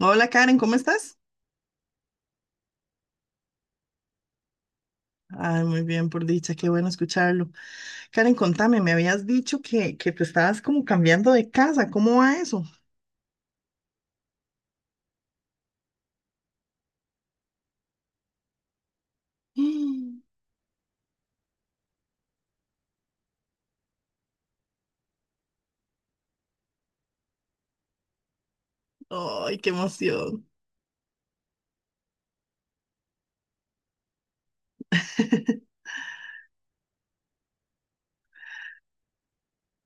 Hola Karen, ¿cómo estás? Ay, muy bien, por dicha, qué bueno escucharlo. Karen, contame, me habías dicho que te estabas como cambiando de casa, ¿cómo va eso? Mm. Ay, qué emoción.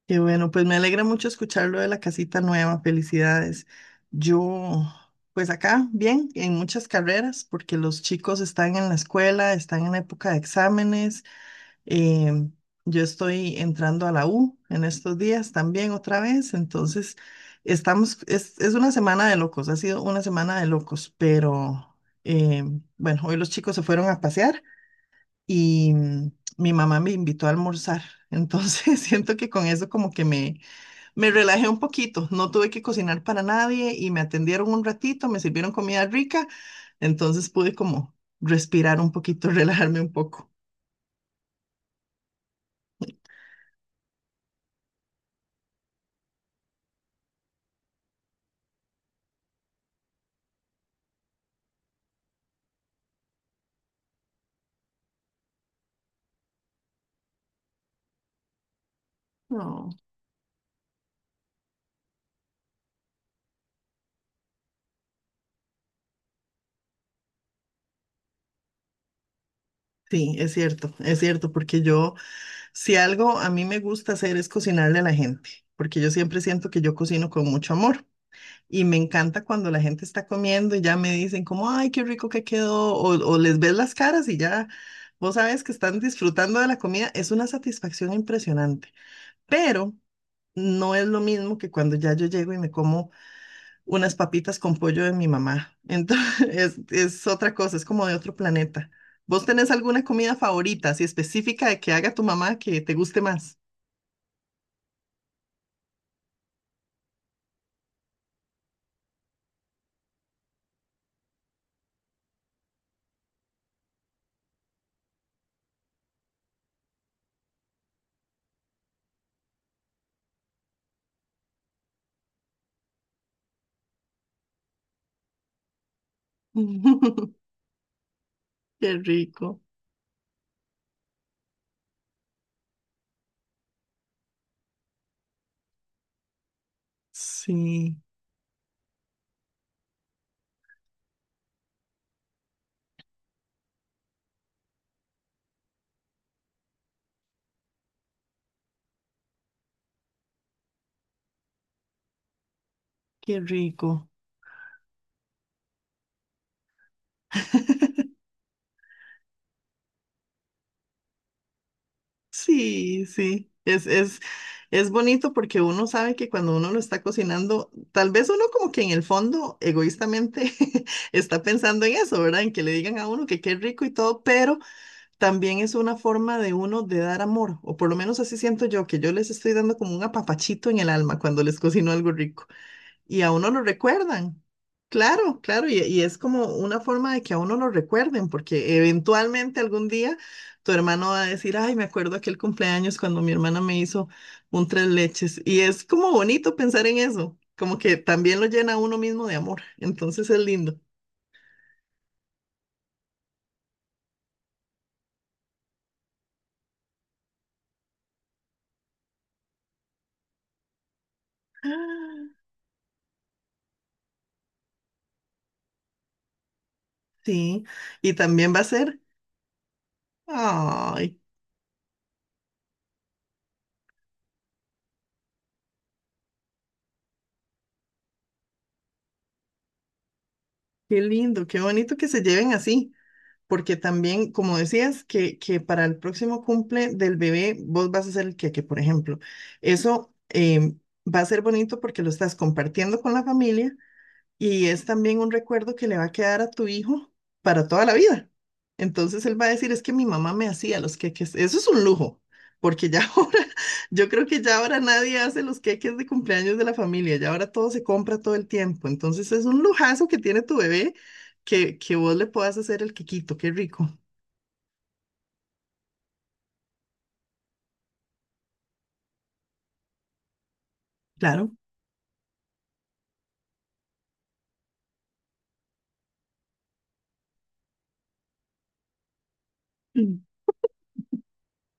Qué bueno, pues me alegra mucho escucharlo de la casita nueva, felicidades. Yo, pues acá, bien, en muchas carreras, porque los chicos están en la escuela, están en época de exámenes. Eh, yo estoy entrando a la U en estos días también otra vez, entonces estamos, es una semana de locos, ha sido una semana de locos, pero eh, bueno, hoy los chicos se fueron a pasear y mi mamá me invitó a almorzar, entonces siento que con eso como que me relajé un poquito, no tuve que cocinar para nadie y me atendieron un ratito, me sirvieron comida rica, entonces pude como respirar un poquito, relajarme un poco. Sí, es cierto, porque yo, si algo a mí me gusta hacer es cocinarle a la gente, porque yo siempre siento que yo cocino con mucho amor y me encanta cuando la gente está comiendo y ya me dicen como, ay, qué rico que quedó, o les ves las caras y ya vos sabes que están disfrutando de la comida, es una satisfacción impresionante, pero no es lo mismo que cuando ya yo llego y me como unas papitas con pollo de mi mamá. Entonces, es otra cosa, es como de otro planeta. ¿Vos tenés alguna comida favorita, así específica de que haga tu mamá que te guste más? Qué rico. Sí, qué rico. Sí, sí. Es bonito porque uno sabe que cuando uno lo está cocinando, tal vez uno como que en el fondo, egoístamente, está pensando en eso, ¿verdad? En que le digan a uno que qué rico y todo, pero también es una forma de uno de dar amor, o por lo menos así siento yo, que yo les estoy dando como un apapachito en el alma cuando les cocino algo rico y a uno lo recuerdan. Claro, claro, y es como una forma de que a uno lo recuerden, porque eventualmente algún día tu hermano va a decir, ay, me acuerdo aquel cumpleaños cuando mi hermana me hizo un tres leches, y es como bonito pensar en eso, como que también lo llena a uno mismo de amor, entonces es lindo. Sí, y también va a ser, ay, qué lindo, qué bonito que se lleven así, porque también, como decías, que para el próximo cumple del bebé vos vas a ser el queque, por ejemplo. Eso va a ser bonito porque lo estás compartiendo con la familia y es también un recuerdo que le va a quedar a tu hijo para toda la vida. Entonces él va a decir, es que mi mamá me hacía los queques. Eso es un lujo, porque ya ahora, yo creo que ya ahora nadie hace los queques de cumpleaños de la familia, ya ahora todo se compra todo el tiempo. Entonces es un lujazo que tiene tu bebé que vos le puedas hacer el quequito, qué rico. Claro.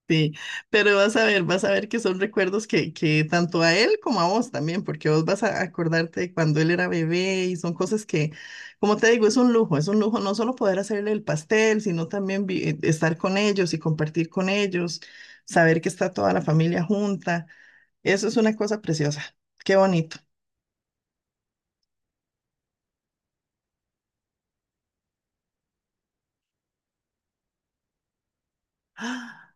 Sí, pero vas a ver que son recuerdos que tanto a él como a vos también, porque vos vas a acordarte de cuando él era bebé y son cosas que, como te digo, es un lujo no solo poder hacerle el pastel, sino también estar con ellos y compartir con ellos, saber que está toda la familia junta. Eso es una cosa preciosa. Qué bonito. Ah,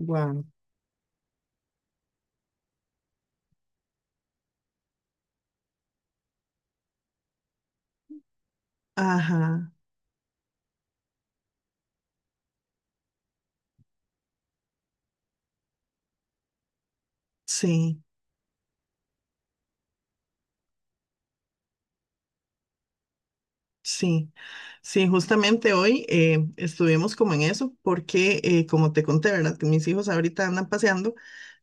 wow. Ajá, sí. Sí, sí, justamente hoy estuvimos como en eso, porque como te conté, ¿verdad? Que mis hijos ahorita andan paseando,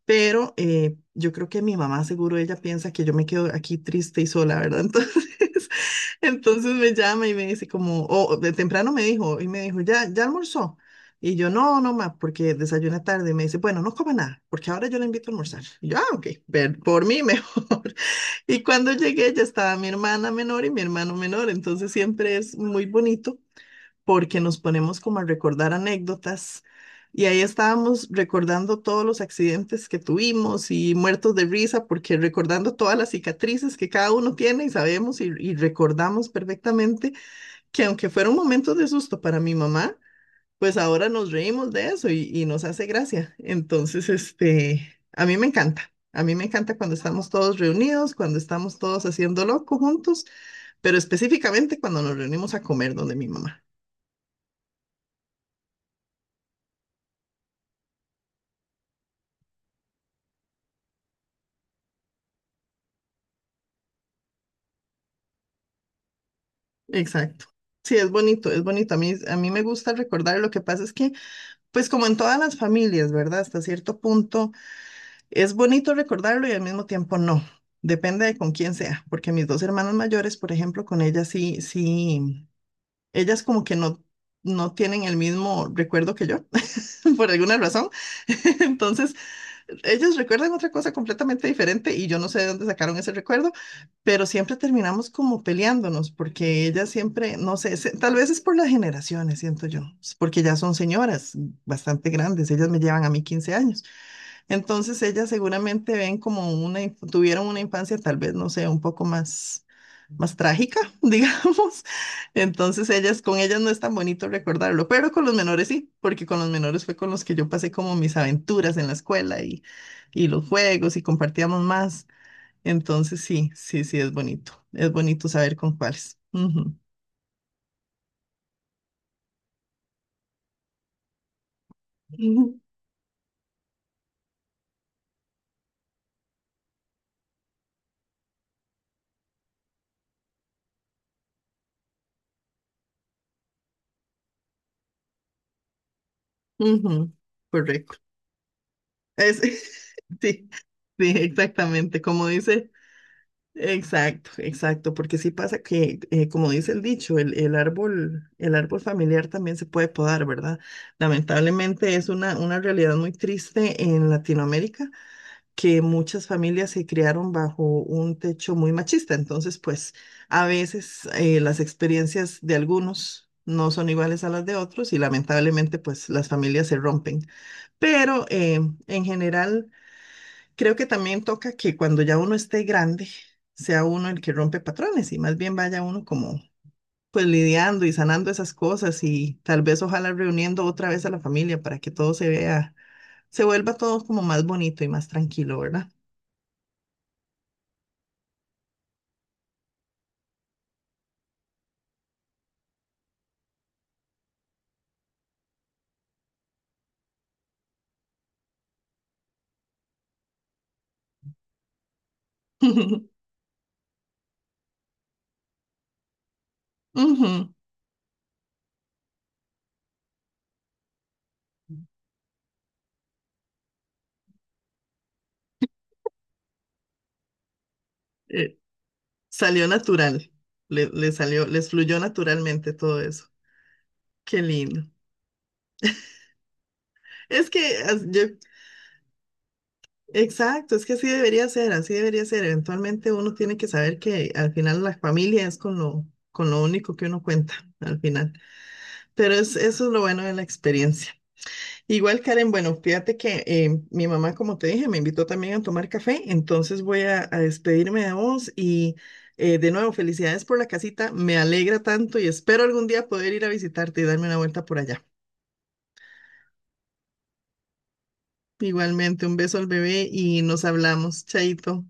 pero yo creo que mi mamá seguro ella piensa que yo me quedo aquí triste y sola, ¿verdad? Entonces, entonces me llama y me dice como, o de temprano me dijo, y me dijo, ¿ya, ya almorzó? Y yo, no, no, ma, porque desayuné tarde. Y me dice, bueno, no coma nada, porque ahora yo la invito a almorzar. Y yo, ah, ok, ver- por mí mejor. Y cuando llegué ya estaba mi hermana menor y mi hermano menor, entonces siempre es muy bonito porque nos ponemos como a recordar anécdotas y ahí estábamos recordando todos los accidentes que tuvimos y muertos de risa porque recordando todas las cicatrices que cada uno tiene y sabemos y recordamos perfectamente que aunque fueron momentos de susto para mi mamá, pues ahora nos reímos de eso y nos hace gracia. Entonces, este, a mí me encanta. A mí me encanta cuando estamos todos reunidos, cuando estamos todos haciendo loco juntos, pero específicamente cuando nos reunimos a comer donde mi mamá. Exacto. Sí, es bonito, es bonito. A mí me gusta recordar. Lo que pasa es que, pues como en todas las familias, ¿verdad? Hasta cierto punto es bonito recordarlo y al mismo tiempo no. Depende de con quién sea, porque mis dos hermanas mayores, por ejemplo, con ellas sí, sí. Ellas como que no, no tienen el mismo recuerdo que yo, por alguna razón. Entonces, ellas recuerdan otra cosa completamente diferente y yo no sé de dónde sacaron ese recuerdo, pero siempre terminamos como peleándonos porque ellas siempre, no sé, se- tal vez es por las generaciones, siento yo, es porque ya son señoras bastante grandes, ellas me llevan a mí 15 años. Entonces, ellas seguramente ven como una, inf- tuvieron una infancia tal vez, no sé, un poco más más trágica, digamos. Entonces ellas, con ellas no es tan bonito recordarlo, pero con los menores sí, porque con los menores fue con los que yo pasé como mis aventuras en la escuela y los juegos y compartíamos más. Entonces sí, sí, sí, es bonito. Es bonito saber con cuáles. Ujú, ujú, ujú, correcto. Es, sí, sí, exactamente. Como dice. Exacto, exacto, porque sí pasa que, como dice el dicho, el árbol familiar también se puede podar, ¿verdad? Lamentablemente es una realidad muy triste en Latinoamérica, que muchas familias se criaron bajo un techo muy machista, entonces pues a veces las experiencias de algunos no son iguales a las de otros y lamentablemente pues las familias se rompen, pero en general... Creo que también toca que cuando ya uno esté grande, sea uno el que rompe patrones y más bien vaya uno como pues lidiando y sanando esas cosas y tal vez ojalá reuniendo otra vez a la familia para que todo se vea, se vuelva todo como más bonito y más tranquilo, ¿verdad? Ujú. Eh, Salió natural, le salió, les fluyó naturalmente todo eso. Qué lindo. Es que as- yo exacto, es que así debería ser, así debería ser. Eventualmente uno tiene que saber que al final la familia es con lo único que uno cuenta al final. Pero es, eso es lo bueno de la experiencia. Igual, Karen, bueno, fíjate que mi mamá, como te dije, me invitó también a tomar café, entonces voy a despedirme de vos y de nuevo, felicidades por la casita, me alegra tanto y espero algún día poder ir a visitarte y darme una vuelta por allá. Igualmente, un beso al bebé y nos hablamos, chaito.